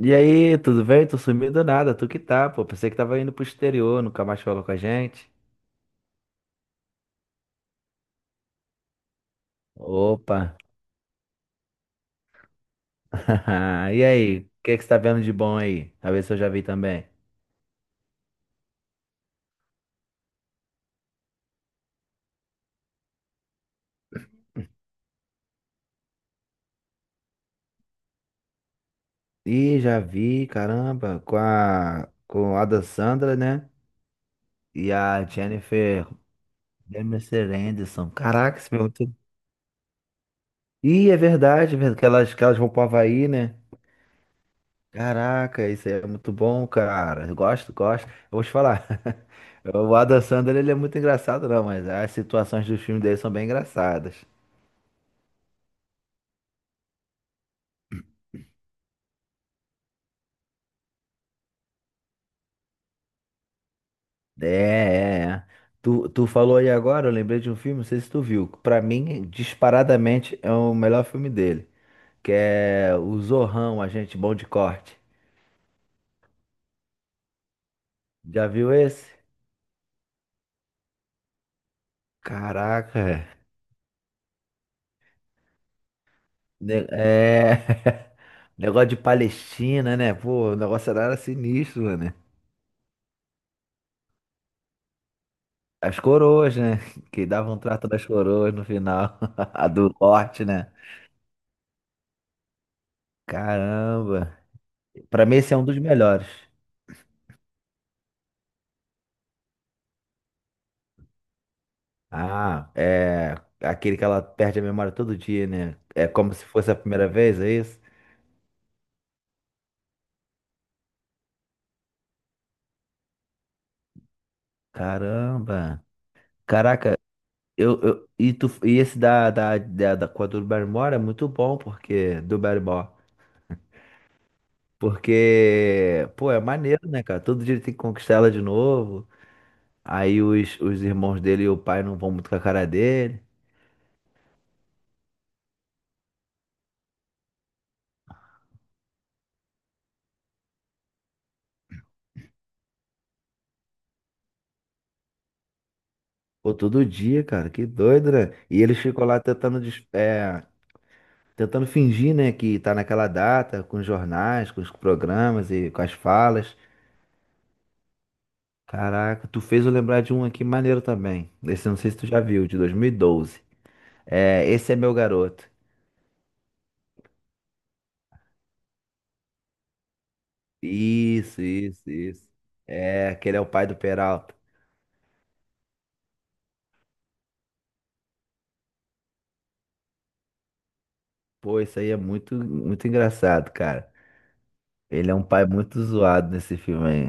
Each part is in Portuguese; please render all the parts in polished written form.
E aí, tudo bem? Tô sumido do nada, tu que tá, pô. Pensei que tava indo pro exterior, nunca mais falou com a gente. Opa! E aí, o que é que você tá vendo de bom aí? Talvez eu já vi também. Ih, já vi, caramba, com a Adam Sandler, né? E a Jennifer Aniston. Caraca, esse filme é muito... Ih, é verdade, que elas vão pro Havaí, né? Caraca, isso aí é muito bom, cara. Eu gosto. Eu vou te falar. O Adam Sandler, ele é muito engraçado, não, mas as situações dos filmes dele são bem engraçadas. É. Tu falou aí agora, eu lembrei de um filme, não sei se tu viu. Que pra mim, disparadamente, é o melhor filme dele. Que é o Zorrão, Agente Bom de Corte. Já viu esse? Caraca. É. Negócio de Palestina, né? Pô, o negócio era sinistro, né? As coroas, né? Que davam um trato das coroas no final. A do corte, né? Caramba. Pra mim, esse é um dos melhores. Ah, é aquele que ela perde a memória todo dia, né? É como se fosse a primeira vez, é isso? Caramba. Caraca, e esse da com a do Barrymore é muito bom, porque do Barrymore. Porque, pô, é maneiro, né, cara? Todo dia ele tem que conquistar ela de novo. Aí os irmãos dele e o pai não vão muito com a cara dele. Pô, todo dia, cara, que doido, né? E ele ficou lá tentando fingir, né, que tá naquela data, com os jornais, com os programas e com as falas. Caraca, tu fez eu lembrar de um aqui maneiro também. Esse eu não sei se tu já viu, de 2012. É, esse é meu garoto. Isso, isso, isso. É, aquele é o pai do Peralta. Pô, isso aí é muito, muito engraçado, cara. Ele é um pai muito zoado nesse filme aí.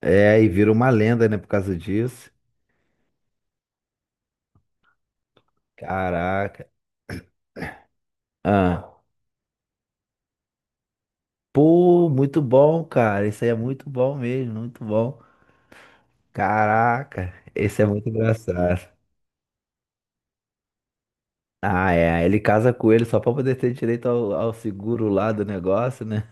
É, e vira uma lenda, né, por causa disso. Caraca. Ah. Pô, muito bom, cara. Isso aí é muito bom mesmo, muito bom. Caraca, esse é muito engraçado. Ah, é. Ele casa com ele só pra poder ter direito ao seguro lá do negócio, né?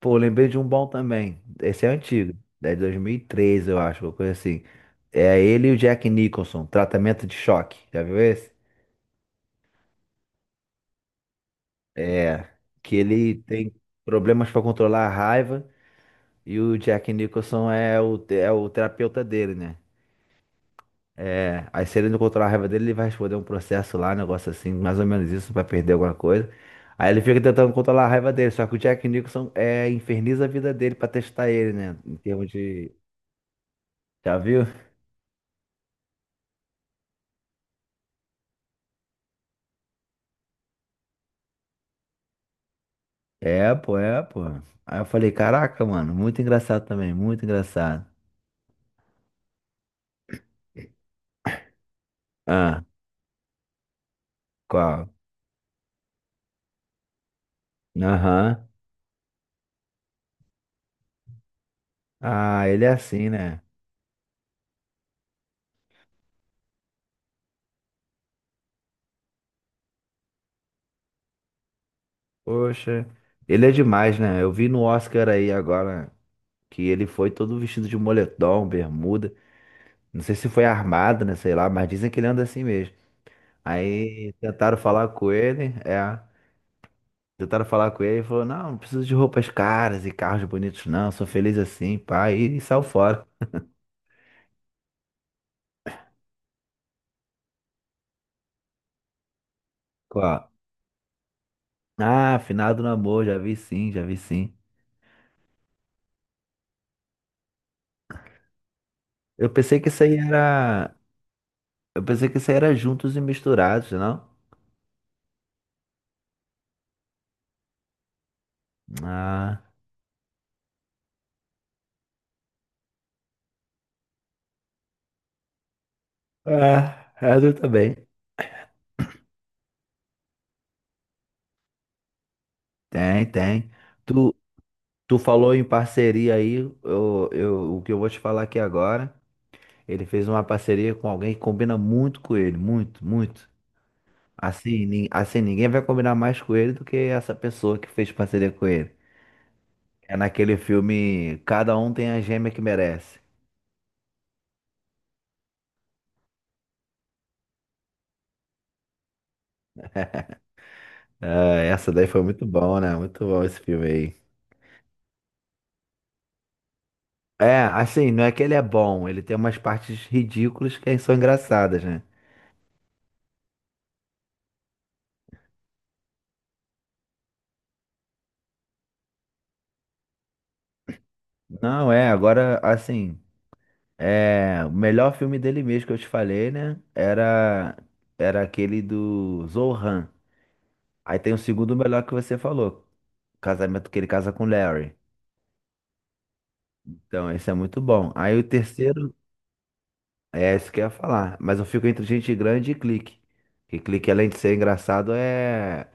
Pô, lembrei de um bom também. Esse é antigo. É de 2013, eu acho, uma coisa assim. É ele e o Jack Nicholson, tratamento de choque. Já viu esse? É. Que ele tem problemas para controlar a raiva e o Jack Nicholson é o terapeuta dele, né? É, aí se ele não controlar a raiva dele, ele vai responder um processo lá, um negócio assim, mais ou menos isso, vai perder alguma coisa. Aí ele fica tentando controlar a raiva dele, só que o Jack Nicholson inferniza a vida dele pra testar ele, né? Em termos de. Já viu? É, pô. Aí eu falei, caraca, mano, muito engraçado também, muito engraçado. Ah, qual? Aham. Ah, ele é assim, né? Poxa, ele é demais, né? Eu vi no Oscar aí agora que ele foi todo vestido de moletom, bermuda. Não sei se foi armado, né? Sei lá, mas dizem que ele anda assim mesmo. Aí tentaram falar com ele, é. Tentaram falar com ele e falou: Não, não preciso de roupas caras e carros bonitos, não. Sou feliz assim, pai. E saiu fora. Qual? Ah, afinado no amor, já vi sim, já vi sim. Eu pensei que isso aí era. Eu pensei que isso aí era juntos e misturados, não? Ah, ah, é, eu também. Tem, tem. Tu, tu falou em parceria aí, o que eu vou te falar aqui agora. Ele fez uma parceria com alguém que combina muito com ele, muito, muito. Assim, ninguém vai combinar mais com ele do que essa pessoa que fez parceria com ele. É naquele filme Cada Um Tem a Gêmea que Merece. É, essa daí foi muito bom, né? Muito bom esse filme aí. É, assim, não é que ele é bom, ele tem umas partes ridículas que são engraçadas, né? Não, é, agora, assim, é, o melhor filme dele mesmo que eu te falei, né? Era aquele do Zohan. Aí tem o segundo melhor que você falou, casamento que ele casa com o Larry. Então, esse é muito bom. Aí o terceiro, é esse que eu ia falar. Mas eu fico entre Gente Grande e Clique. Que Clique, além de ser engraçado, é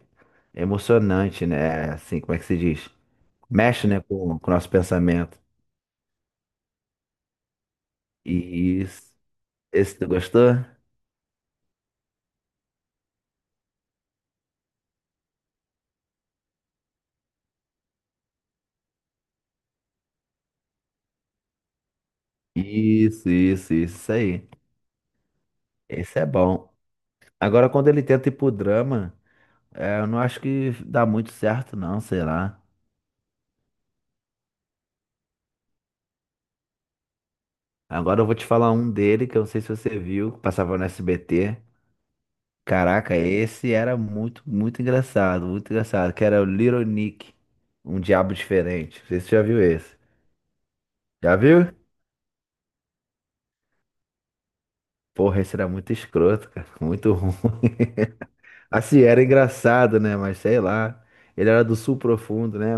emocionante, né? É assim, como é que se diz? Mexe, né, com o nosso pensamento. Isso. Esse tu gostou? Isso aí. Esse é bom. Agora, quando ele tenta ir pro drama, é, eu não acho que dá muito certo, não, sei lá. Agora eu vou te falar um dele que eu não sei se você viu, que passava no SBT. Caraca, esse era muito, muito engraçado, que era o Little Nick, um diabo diferente. Não sei se você já viu esse. Já viu? Porra, esse era muito escroto, cara, muito ruim. Assim, era engraçado, né? Mas sei lá. Ele era do sul profundo, né?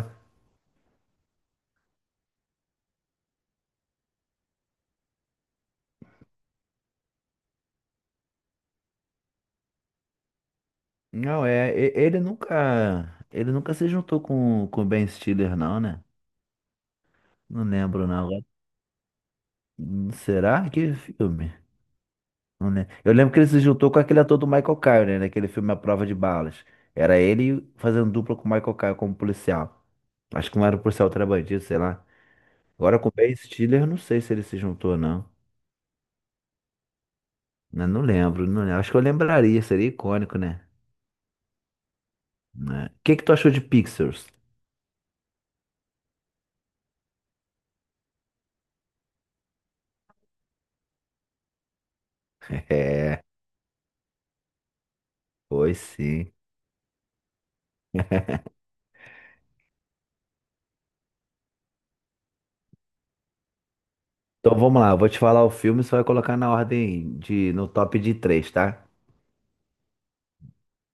Ele nunca se juntou com o Ben Stiller, não, né? Não lembro, não. Agora, Será que filme? Não, né? Eu lembro que ele se juntou com aquele ator do Michael Caine, né? Naquele filme A Prova de Balas. Era ele fazendo dupla com o Michael Caine como policial. Acho que um era o policial, outro era bandido, sei lá. Agora com o Ben Stiller, eu não sei se ele se juntou ou não. Né, não lembro, não lembro. Acho que eu lembraria, seria icônico, né? Né? O que que tu achou de Pixels? É, foi sim. Então vamos lá, eu vou te falar o filme, você vai colocar na ordem de, no top de três, tá?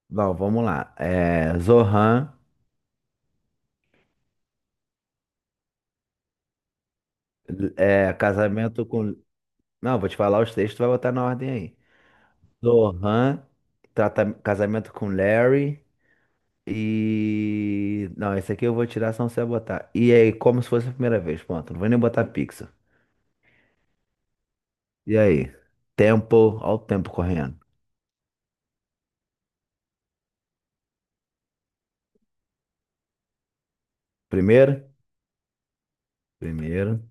Bom, vamos lá. É, Zohan, é, Casamento com Não, vou te falar os textos, tu vai botar na ordem aí. Zohan Casamento com Larry e... Não, esse aqui eu vou tirar, senão você vai botar. E aí, como se fosse a primeira vez, pronto. Não vou nem botar pixel. E aí? Tempo, olha o tempo correndo. Primeiro? Primeiro.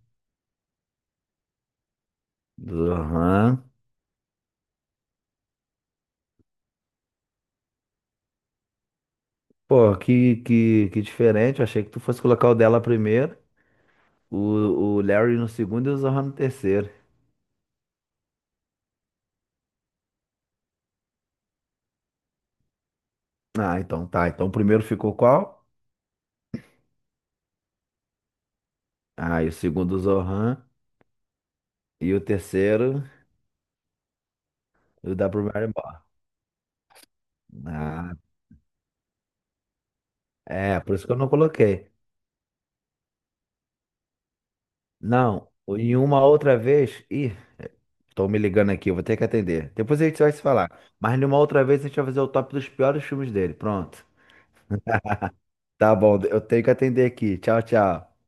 Zohan. Pô, que diferente. Eu achei que tu fosse colocar o dela primeiro, o, o Larry no segundo e o Zohan no terceiro. Ah, então tá. Então o primeiro ficou qual? Ah, e o segundo o Zohan. E o terceiro? O da Brumarimbá. Ah, é, por isso que eu não coloquei. Não, em uma outra vez. Ih, tô me ligando aqui, eu vou ter que atender. Depois a gente vai se falar. Mas em uma outra vez a gente vai fazer o top dos piores filmes dele. Pronto. Tá bom, eu tenho que atender aqui. Tchau, tchau.